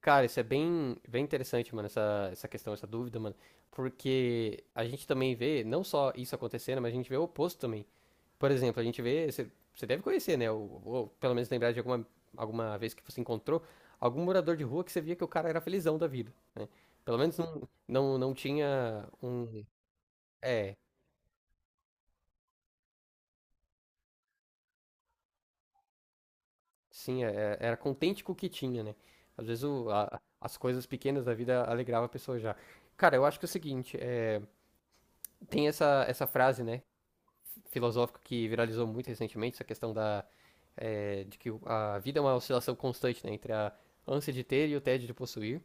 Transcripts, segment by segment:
Cara, isso é bem, bem interessante, mano, essa questão, essa dúvida, mano. Porque a gente também vê, não só isso acontecendo, mas a gente vê o oposto também. Por exemplo, a gente vê, você deve conhecer, né? Ou pelo menos lembrar de alguma vez que você encontrou algum morador de rua que você via que o cara era felizão da vida, né? Pelo menos não, não, não tinha um. É, sim, era contente com o que tinha, né? Às vezes as coisas pequenas da vida alegrava a pessoa já. Cara, eu acho que é o seguinte, tem essa frase, né? Filosófico que viralizou muito recentemente, essa questão de que a vida é uma oscilação constante, né, entre a ânsia de ter e o tédio de possuir.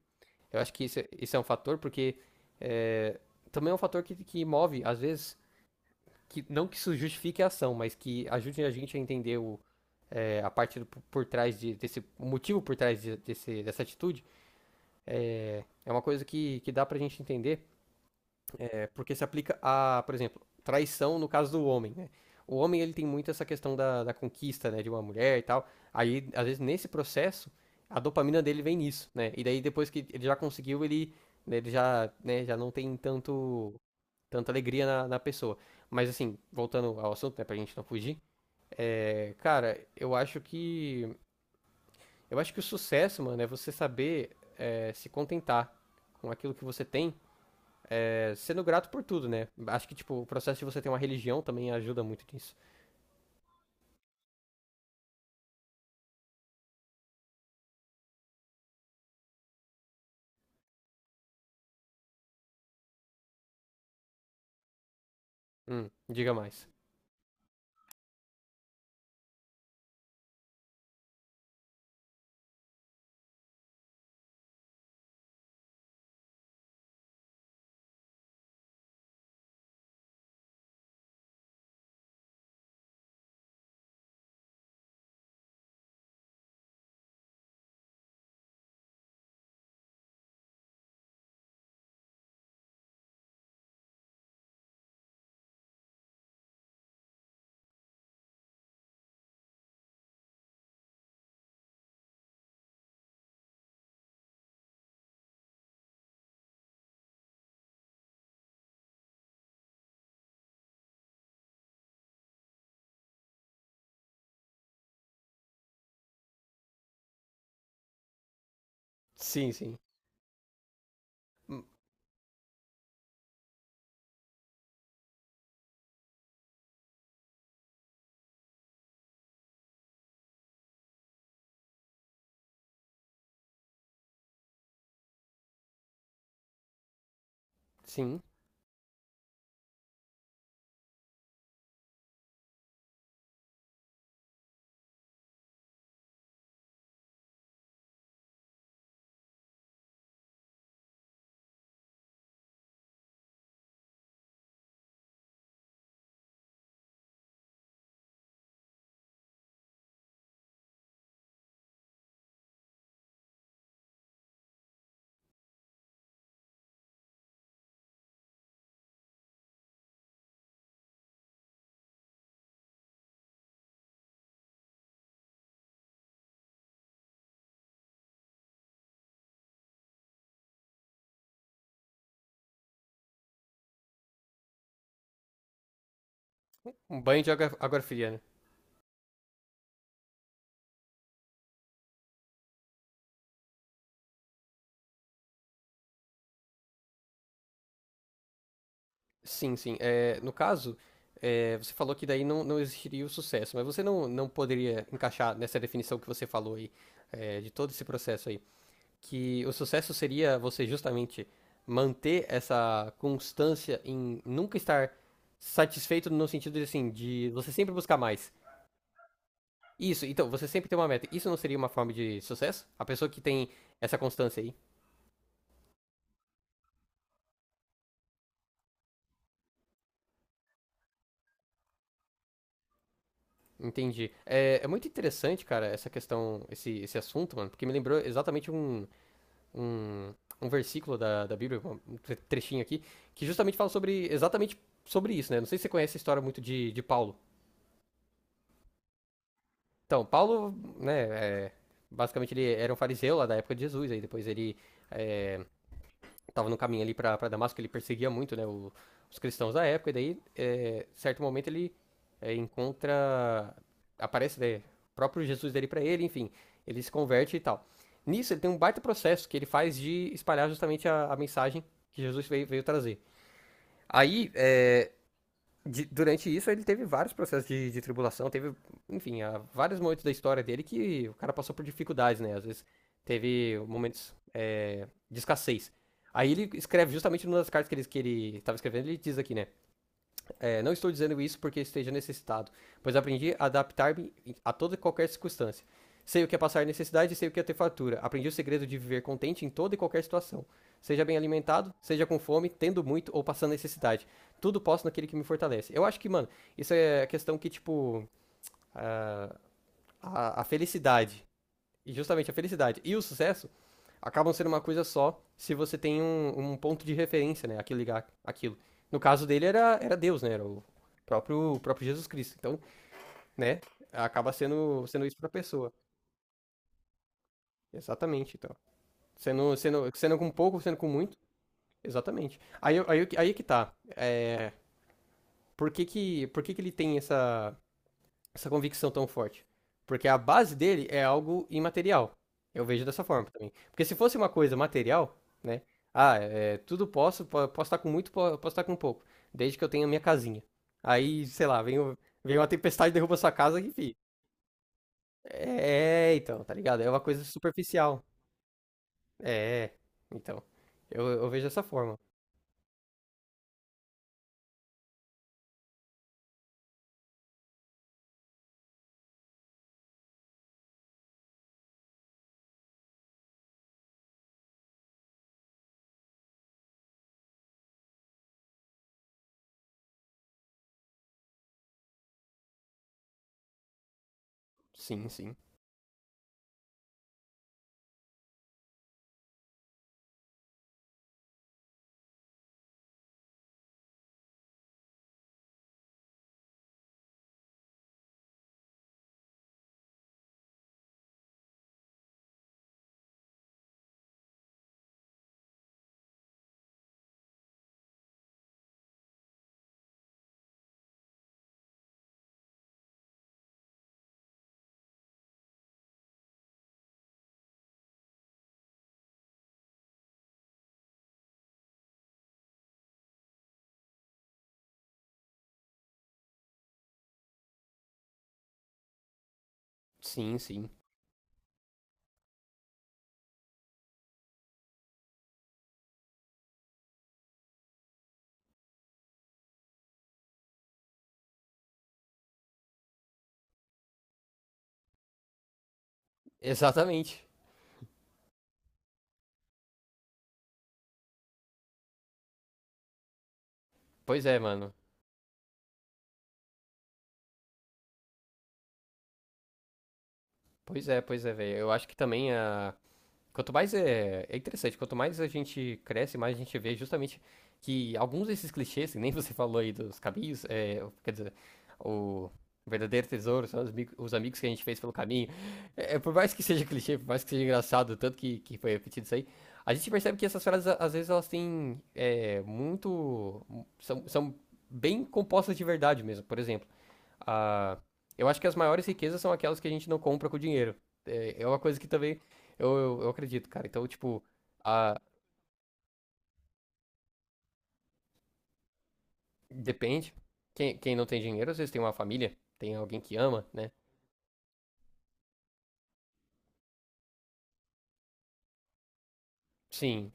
Eu acho que isso é um fator, porque é, também é um fator que move, às vezes, que não que isso justifique a ação, mas que ajude a gente a entender a parte por desse o motivo por trás dessa atitude. É, é uma coisa que dá pra gente entender porque se aplica a, por exemplo, traição no caso do homem, né? O homem, ele tem muito essa questão da conquista, né, de uma mulher e tal. Aí, às vezes, nesse processo, a dopamina dele vem nisso, né? E daí, depois que ele já conseguiu, ele, né, ele já, né, já não tem tanta alegria na pessoa. Mas, assim, voltando ao assunto, né, pra gente não fugir. É, cara, eu acho que... Eu acho que o sucesso, mano, é você saber se contentar com aquilo que você tem, sendo grato por tudo, né? Acho que, tipo, o processo de você ter uma religião também ajuda muito nisso. Diga mais. Sim, sim. Hum. Sim. Um banho de água, água fria, né? Sim, sim. É, no caso, é, você falou que daí não, não existiria o sucesso, mas você não, não poderia encaixar nessa definição que você falou aí, é, de todo esse processo aí, que o sucesso seria você justamente manter essa constância em nunca estar satisfeito no sentido de, assim, de você sempre buscar mais. Isso, então, você sempre tem uma meta. Isso não seria uma forma de sucesso? A pessoa que tem essa constância aí. Entendi. É, é muito interessante, cara, essa questão, esse assunto, mano, porque me lembrou exatamente um, um versículo da Bíblia, um trechinho aqui, que justamente fala sobre, exatamente sobre isso, né? Não sei se você conhece a história muito de Paulo. Então, Paulo, né, é, basicamente ele era um fariseu lá da época de Jesus, aí depois ele estava no caminho ali para Damasco, ele perseguia muito né, os cristãos da época, e daí, é, certo momento, ele é, encontra. Aparece né, o próprio Jesus dele para ele, enfim, ele se converte e tal. Nisso, ele tem um baita processo que ele faz de espalhar justamente a mensagem que Jesus veio trazer. Aí, é, durante isso ele teve vários processos de tribulação, teve, enfim, há vários momentos da história dele que o cara passou por dificuldades, né? Às vezes teve momentos é, de escassez. Aí ele escreve justamente numa das cartas que ele, estava que ele tava escrevendo, ele diz aqui, né? É, não estou dizendo isso porque esteja necessitado, pois aprendi a adaptar-me a toda e qualquer circunstância. Sei o que é passar necessidade e sei o que é ter fartura. Aprendi o segredo de viver contente em toda e qualquer situação. Seja bem alimentado, seja com fome, tendo muito ou passando necessidade. Tudo posso naquele que me fortalece. Eu acho que, mano, isso é a questão que, tipo, a felicidade, e justamente a felicidade e o sucesso acabam sendo uma coisa só se você tem um ponto de referência, né? Aquilo ligar aquilo. No caso dele era Deus, né? Era o próprio Jesus Cristo. Então, né? Acaba sendo isso pra pessoa. Exatamente, então. Sendo com pouco, sendo com muito, exatamente. Aí, eu aí é que tá. Por que que ele tem essa convicção tão forte? Porque a base dele é algo imaterial. Eu vejo dessa forma também. Porque se fosse uma coisa material, né? Ah, é, tudo posso, posso estar com muito, posso estar com pouco. Desde que eu tenha minha casinha. Aí, sei lá, vem uma tempestade e derruba sua casa, e, enfim. É, então, tá ligado? É uma coisa superficial. É, então. Eu vejo dessa forma. Sim, sim. Sim, sim. Exatamente. Pois é, mano. Pois é, velho. Eu acho que também a, quanto mais é, é interessante, quanto mais a gente cresce, mais a gente vê justamente que alguns desses clichês, que nem você falou aí dos caminhos, é, quer dizer, o verdadeiro tesouro são os, os amigos que a gente fez pelo caminho. É, é, por mais que seja clichê, por mais que seja engraçado, tanto que foi repetido isso aí, a gente percebe que essas frases, às vezes, elas têm é, muito. São bem compostas de verdade mesmo. Por exemplo a... Eu acho que as maiores riquezas são aquelas que a gente não compra com dinheiro. É, é uma coisa que também eu acredito, cara. Então, tipo, a... depende. Quem não tem dinheiro, às vezes tem uma família, tem alguém que ama, né? Sim,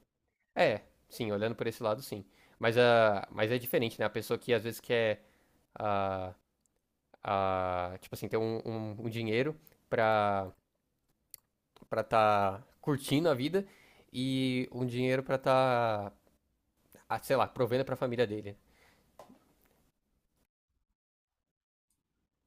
é, sim, olhando por esse lado, sim. Mas, a, mas é diferente, né? A pessoa que às vezes quer, a, tipo assim, ter um dinheiro pra, pra tá curtindo a vida e um dinheiro pra tá, ah, sei lá, provendo pra família dele,